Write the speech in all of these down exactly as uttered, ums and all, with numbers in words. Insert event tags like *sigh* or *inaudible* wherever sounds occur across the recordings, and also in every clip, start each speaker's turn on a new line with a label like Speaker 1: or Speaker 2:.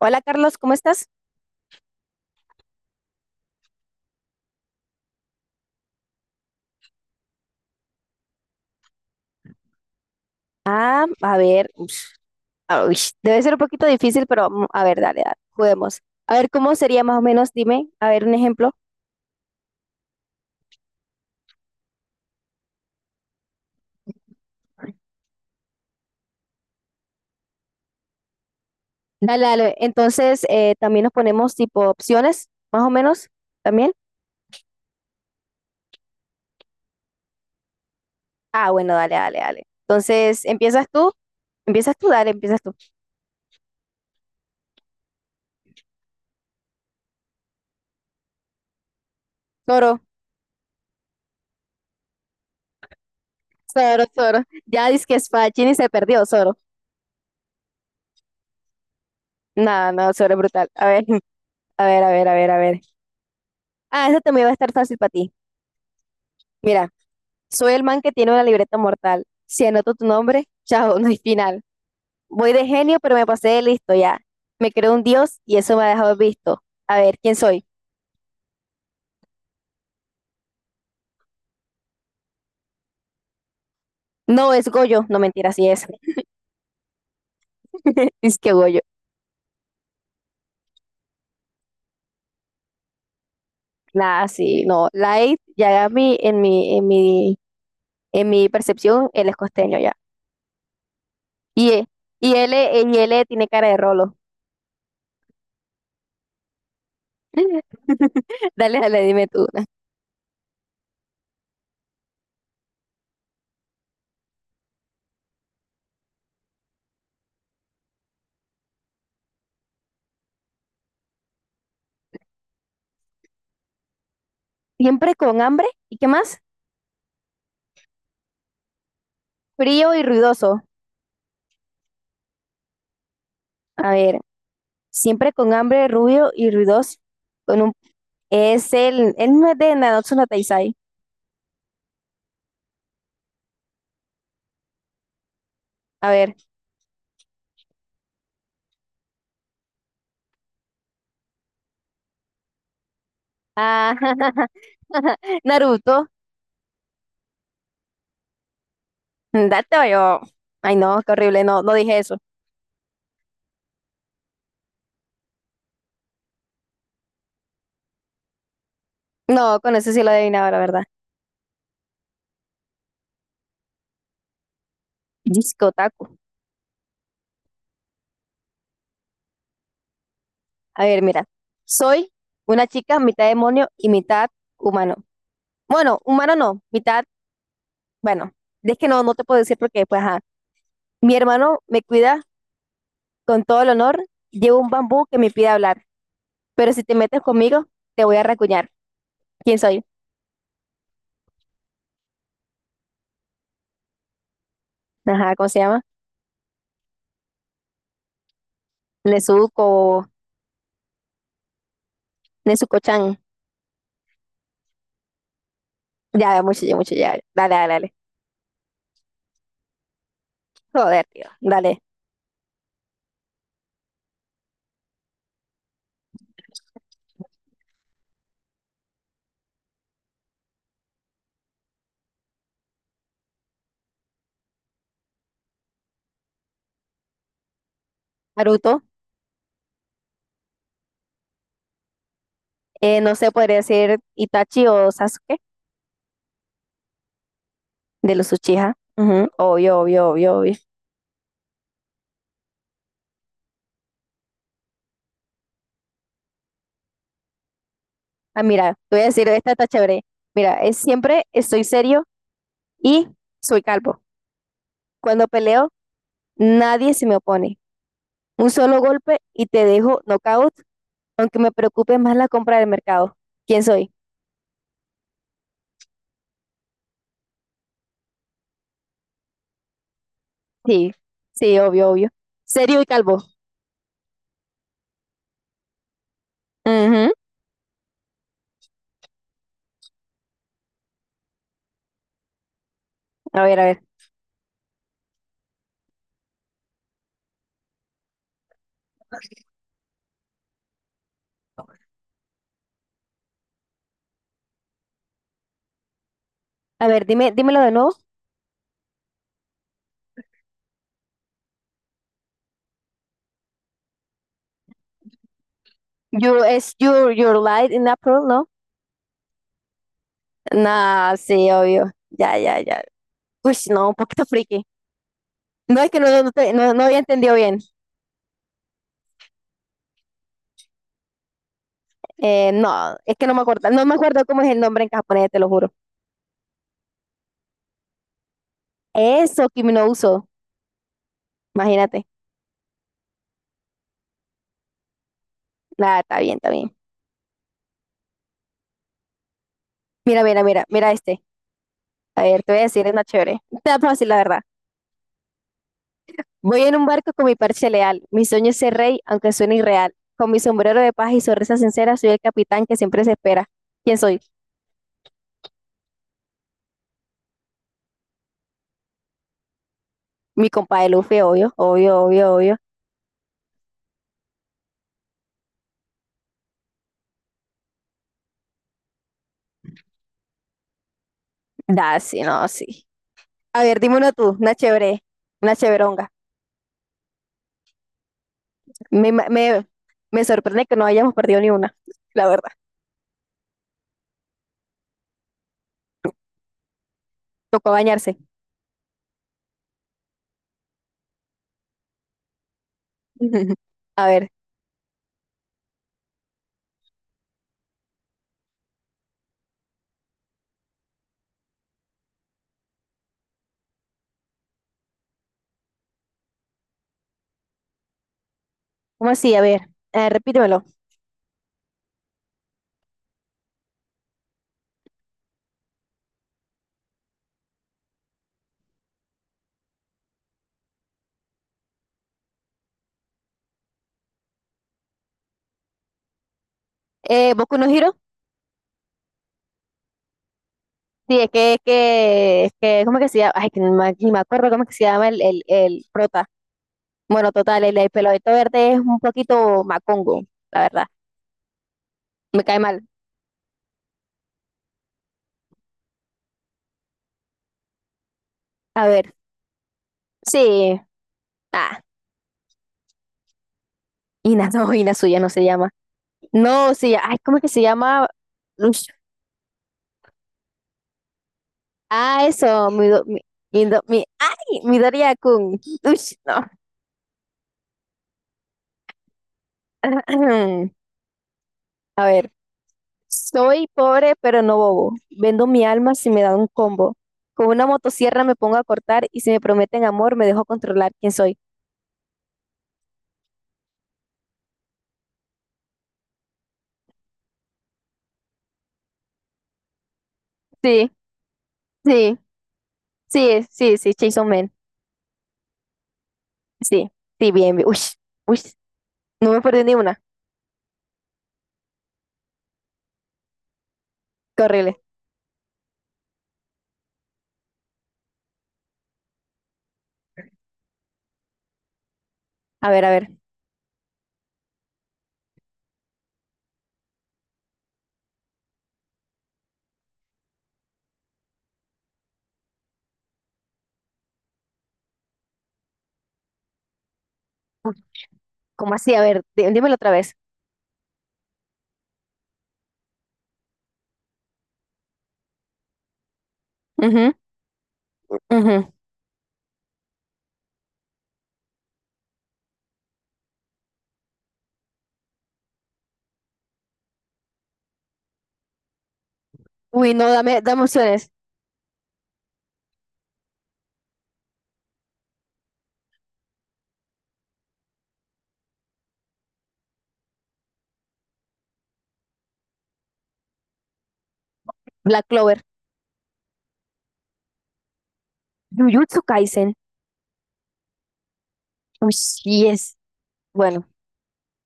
Speaker 1: Hola Carlos, ¿cómo estás? Ah, a ver, ush, ah, ush, Debe ser un poquito difícil, pero mm, a ver, dale, dale, juguemos. A ver, ¿cómo sería más o menos? Dime, a ver, un ejemplo. Dale, dale. Entonces, eh, también nos ponemos tipo opciones, más o menos, también. Ah, bueno, dale, dale, dale. Entonces, ¿empiezas tú? ¿Empiezas tú? Dale, empiezas tú. Zoro, Zoro, Zoro. Ya dices que Spachini se perdió, Zoro. No, no, Zoro es brutal. A ver, *laughs* a ver, a ver, a ver, a ver. Ah, eso también va a estar fácil para ti. Mira. Soy el man que tiene una libreta mortal. Si anoto tu nombre, chao, no hay final. Voy de genio, pero me pasé de listo ya. Me creo un dios y eso me ha dejado visto. A ver, ¿quién soy? No, es Goyo. No, mentira, sí es. *laughs* Es que Goyo. Nada, sí, no. Light, ya en mi, en mi, en mi, en mi percepción, él es costeño ya. Y, e- y él, e- y él tiene cara de rolo. *laughs* Dale, dale, dime tú una. Siempre con hambre. ¿Y qué más? Frío y ruidoso. A ver. Siempre con hambre, rubio y ruidoso. Con un, es el, él no es de Nanatsu no Taizai. A ver. Ah, *laughs* Naruto. Date yo. Ay, no, qué horrible. No, no dije eso. No, con eso sí lo adivinaba, la verdad. Disco Otaku. A ver, mira. Soy una chica mitad demonio y mitad humano. Bueno, humano no, mitad, bueno, es que no, no te puedo decir porque, pues, ajá. Mi hermano me cuida con todo el honor, llevo un bambú que me pide hablar, pero si te metes conmigo, te voy a racuñar. ¿Quién soy? Ajá, ¿cómo se llama? Nezuko, Nezuko-chan. Ya, mucho, ya, mucho, ya. Dale, dale, dale. Joder, tío. Dale. Naruto. Eh, no sé, podría decir Itachi o Sasuke de los Uchiha. Ujú, obvio, obvio, obvio, obvio. Ah, mira, te voy a decir, esta está chévere. Mira, es siempre estoy serio y soy calvo. Cuando peleo, nadie se me opone. Un solo golpe y te dejo knockout, aunque me preocupe más la compra del mercado. ¿Quién soy? Sí, sí, obvio, obvio. Serio y calvo. Ujú. A ver, a ver. A ver, dime, dímelo de nuevo. You es your, your light in April, ¿no? Nah, sí, obvio. Ya, ya, ya. Uy, no, un poquito friki. No es que no, no, te- no- no había entendido bien. Eh, no, es que no me acuerdo. No me acuerdo cómo es el nombre en japonés, te lo juro. Eso, Kimi no Uso. Imagínate. Nada, está bien, está bien. Mira, mira, mira, mira este. A ver, te voy a decir, es una chévere. Está fácil, la verdad. Voy en un barco con mi parche leal. Mi sueño es ser rey, aunque suene irreal. Con mi sombrero de paz y sonrisa sincera, soy el capitán que siempre se espera. ¿Quién soy? Mi compadre Luffy, obvio, obvio, obvio, obvio. Da, sí, no, sí. A ver, dime uno tú, una chévere, una chéveronga. Me, me, me sorprende que no hayamos perdido ni una, la verdad. Tocó bañarse. *laughs* A ver, ¿cómo así? A ver, eh, repítemelo. Eh, ¿Boku no Hero? Sí, es que, es que, es que, ¿cómo que se llama? Ay, que no me- ni me acuerdo cómo que se llama el, el, el prota. Bueno, total, el de pelo verde es un poquito macongo, la verdad. Me cae mal. A ver, sí. Ah, Ina, *laughs* no, Inazuya no se llama. No, sí, ay, ¿cómo es que se llama? Ush, Ah, eso, mi, do- mi, Mido- mi- ay, Midoriya-kun. Ush, no. *clears throat* A ver, soy pobre pero no bobo. Vendo mi alma si me dan un combo. Con una motosierra me pongo a cortar y si me prometen amor me dejo controlar quién soy. Sí, sí, sí, sí, sí, Chainsaw Man. Sí, sí, bien, bien. Uy, uy, no me perdí ni una. Qué horrible. A ver, a ver. ¿Cómo así? A ver, dí- dímelo otra vez. Ujú, ujú. Uy, no, dame, dame opciones. Black Clover. Jujutsu Kaisen. Uy, yes. Bueno,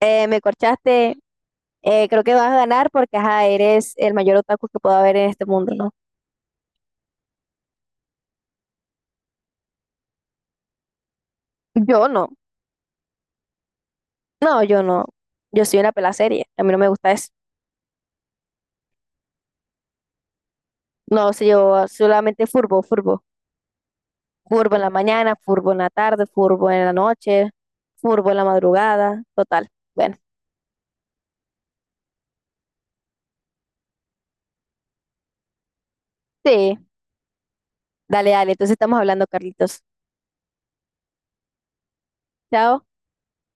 Speaker 1: eh, me corchaste. Eh, creo que vas a ganar porque ajá, eres el mayor otaku que pueda haber en este mundo, ¿no? Yo no. No, yo no. Yo soy una pela serie. A mí no me gusta eso. No, sé yo solamente furbo, furbo. Furbo en la mañana, furbo en la tarde, furbo en la noche, furbo en la madrugada, total. Bueno, sí, dale, dale. Entonces estamos hablando, Carlitos. Chao.